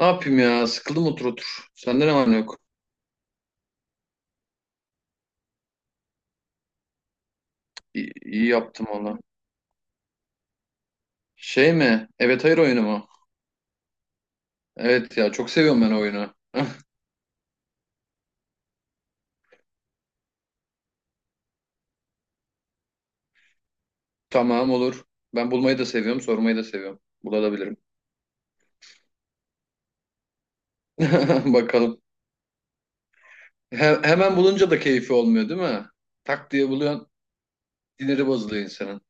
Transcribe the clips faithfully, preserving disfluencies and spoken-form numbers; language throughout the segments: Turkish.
Ne yapayım ya? Sıkıldım otur otur. Sende ne var ne yok? İyi, iyi yaptım valla. Şey mi? Evet hayır oyunu mu? Evet ya çok seviyorum ben o oyunu. Tamam olur. Ben bulmayı da seviyorum, sormayı da seviyorum. Bulabilirim. Bakalım. He- hemen bulunca da keyfi olmuyor değil mi? Tak diye buluyorsun. Dinleri bozuluyor insanın.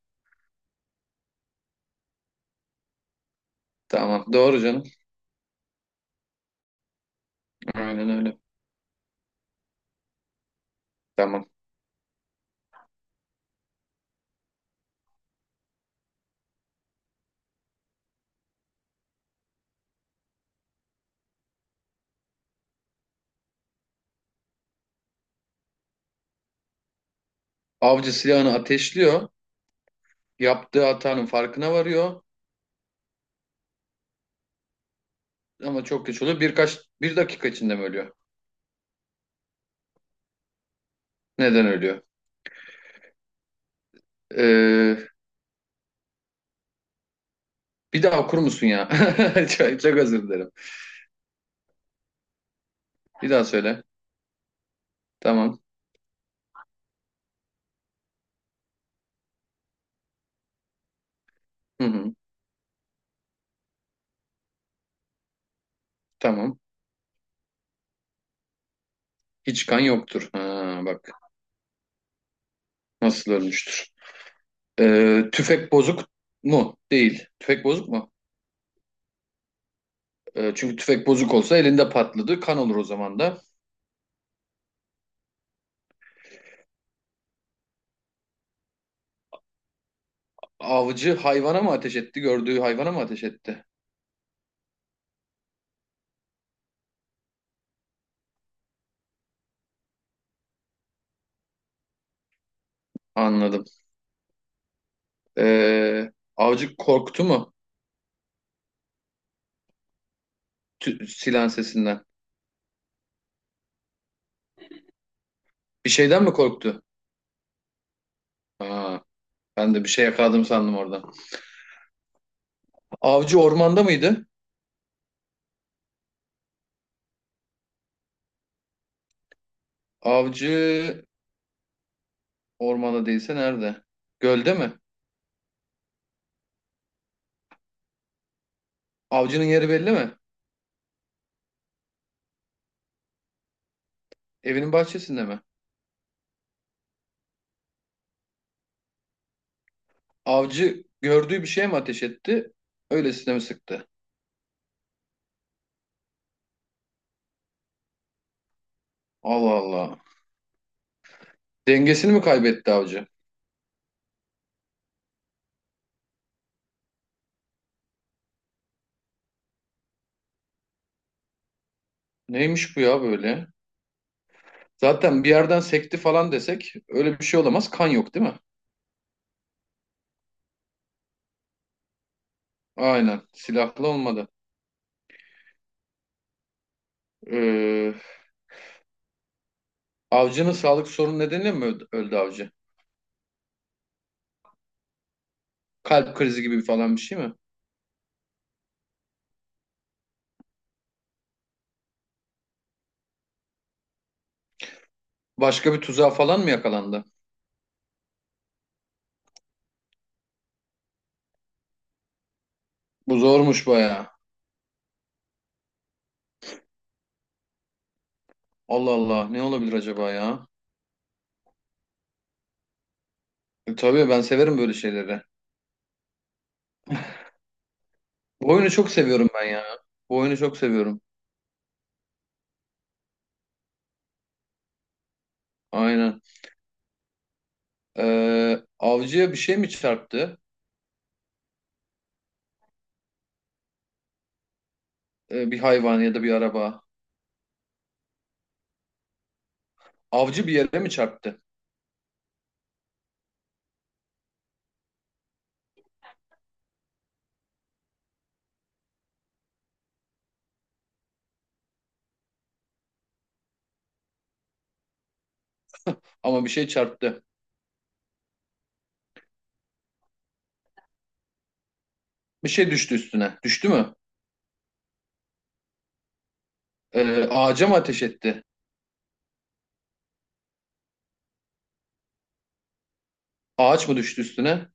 Tamam. Doğru canım. Aynen öyle. Tamam. Avcı silahını ateşliyor. Yaptığı hatanın farkına varıyor. Ama çok geç oluyor. Birkaç, bir dakika içinde mi ölüyor? Neden ölüyor? Ee, Bir daha okur musun ya? Çok, çok özür dilerim. Bir daha söyle. Tamam. Hı hı. Tamam. Hiç kan yoktur. Ha, bak nasıl ölmüştür. Ee, tüfek bozuk mu? Değil. Tüfek bozuk mu? Ee, çünkü tüfek bozuk olsa elinde patladı. Kan olur o zaman da. Avcı hayvana mı ateş etti? Gördüğü hayvana mı ateş etti? Anladım. Ee, avcı korktu mu? Tü- silah sesinden. Bir şeyden mi korktu? Ha, ben de bir şey yakaladım sandım orada. Avcı ormanda mıydı? Avcı ormanda değilse nerede? Gölde mi? Avcının yeri belli mi? Evinin bahçesinde mi? Avcı gördüğü bir şeye mi ateş etti? Öylesine mi sıktı? Allah Allah. Dengesini mi kaybetti avcı? Neymiş bu ya böyle? Zaten bir yerden sekti falan desek öyle bir şey olamaz. Kan yok değil mi? Aynen. Silahlı olmadı. Ee, Avcının sağlık sorunu nedeniyle mi öldü, öldü avcı? Kalp krizi gibi falan bir şey mi? Başka bir tuzağa falan mı yakalandı? Bu zormuş bayağı. Allah Allah ne olabilir acaba ya? Tabii ben severim böyle şeyleri. Bu oyunu çok seviyorum ben ya. Bu oyunu çok seviyorum. Aynen. Ee, avcıya bir şey mi çarptı? Ee, bir hayvan ya da bir araba. Avcı bir yere mi çarptı? Ama bir şey çarptı. Bir şey düştü üstüne. Düştü mü? Ee, ağaca mı ateş etti? Ağaç mı düştü üstüne?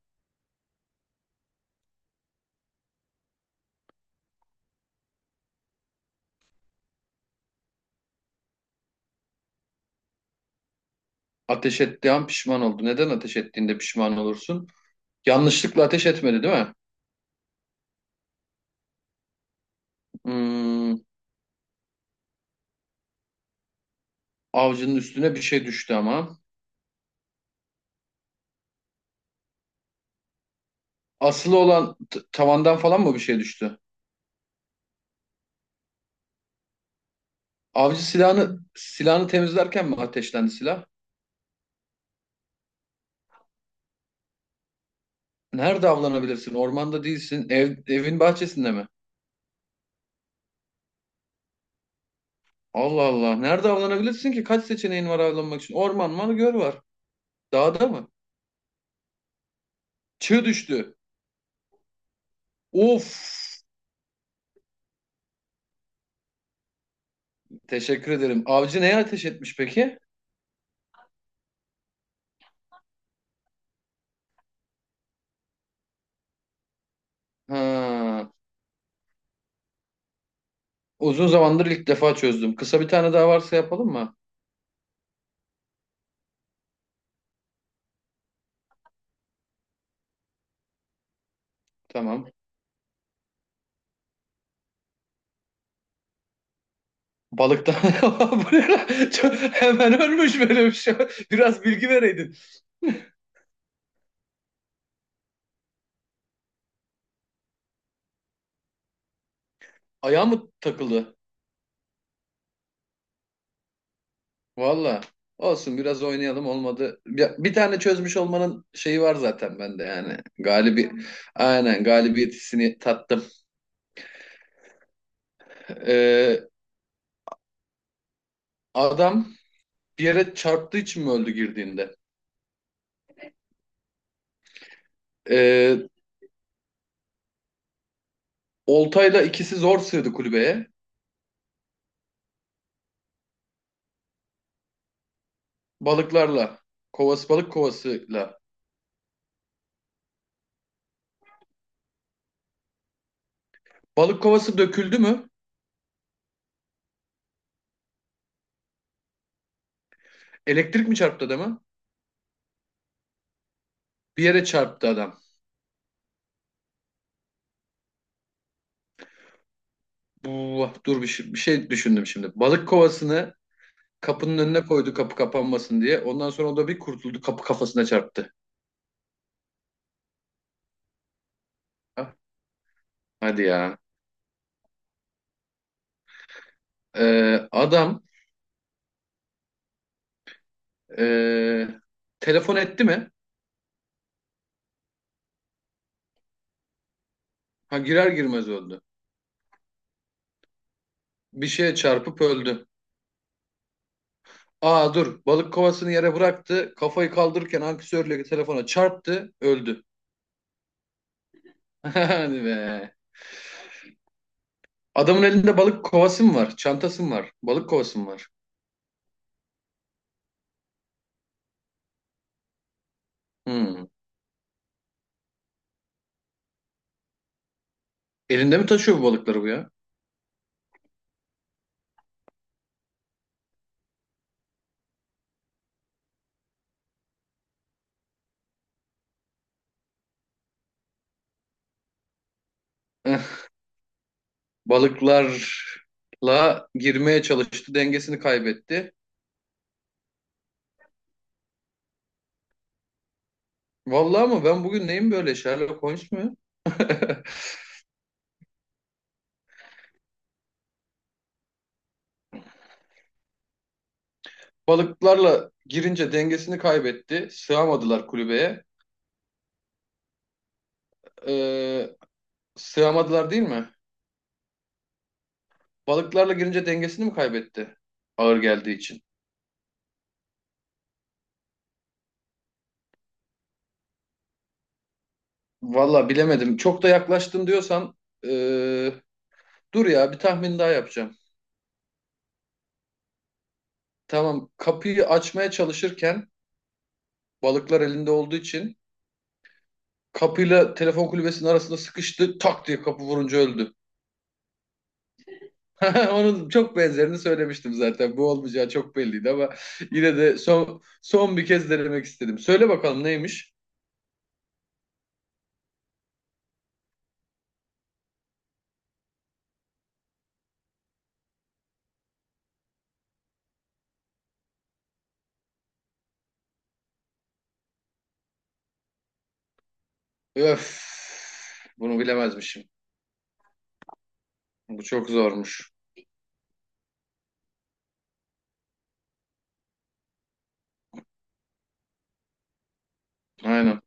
Ateş ettiği an pişman oldu. Neden ateş ettiğinde pişman olursun? Yanlışlıkla ateş etmedi değil mi? Hmm, Avcının üstüne bir şey düştü ama. Asılı olan t- tavandan falan mı bir şey düştü? Avcı silahını silahını temizlerken mi ateşlendi silah? Nerede avlanabilirsin? Ormanda değilsin. Ev, evin bahçesinde mi? Allah Allah. Nerede avlanabilirsin ki? Kaç seçeneğin var avlanmak için? Orman mı? Göl var. Dağda mı? Çığ düştü. Of. Teşekkür ederim. Avcı neye ateş etmiş peki? Ha. Uzun zamandır ilk defa çözdüm. Kısa bir tane daha varsa yapalım mı? Tamam. Balıktan. Bu ne lan? Çok- Hemen ölmüş böyle bir şey. Biraz bilgi vereydin. Ayağı mı takıldı? Valla olsun biraz oynayalım olmadı. Bir, bir tane çözmüş olmanın şeyi var zaten bende yani. Galibi aynen galibiyet hissini tattım. Ee, Adam bir yere çarptığı için mi öldü girdiğinde? Ee, Oltayla ikisi zor sığdı kulübeye. Balıklarla. Kovası balık kovasıyla. Balık kovası döküldü mü? Elektrik mi çarptı adamı? Bir yere çarptı adam. Bu, dur bir şey, bir şey düşündüm şimdi. Balık kovasını kapının önüne koydu kapı kapanmasın diye. Ondan sonra o da bir kurtuldu kapı kafasına çarptı. Ha, hadi ya. Ee, adam ee, telefon etti mi? Ha, girer girmez öldü. Bir şeye çarpıp öldü. Aa dur balık kovasını yere bıraktı. Kafayı kaldırırken ankesörle telefona çarptı öldü. Hadi be. Adamın elinde balık kovası mı var? Çantası mı var? Balık kovası mı var? Hmm. Elinde mi taşıyor bu balıkları bu ya? Balıklarla girmeye çalıştı, dengesini kaybetti. Vallahi ama ben bugün neyim böyle Sherlock Holmes mu? Balıklarla girince dengesini kaybetti. Sığamadılar kulübeye. Ee, Sığamadılar değil mi? Balıklarla girince dengesini mi kaybetti? Ağır geldiği için. Vallahi bilemedim. Çok da yaklaştın diyorsan ee, dur ya bir tahmin daha yapacağım. Tamam kapıyı açmaya çalışırken balıklar elinde olduğu için kapıyla telefon kulübesinin arasında sıkıştı. Tak diye kapı vurunca öldü. Onun çok benzerini söylemiştim zaten. Bu olmayacağı çok belliydi ama yine de son son bir kez denemek istedim. Söyle bakalım neymiş? Öf. Bunu bilemezmişim. Bu çok zormuş. Aynen.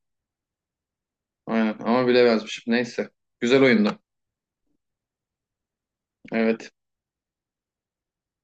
Aynen ama bilemezmişim. Neyse. Güzel oyundu. Evet.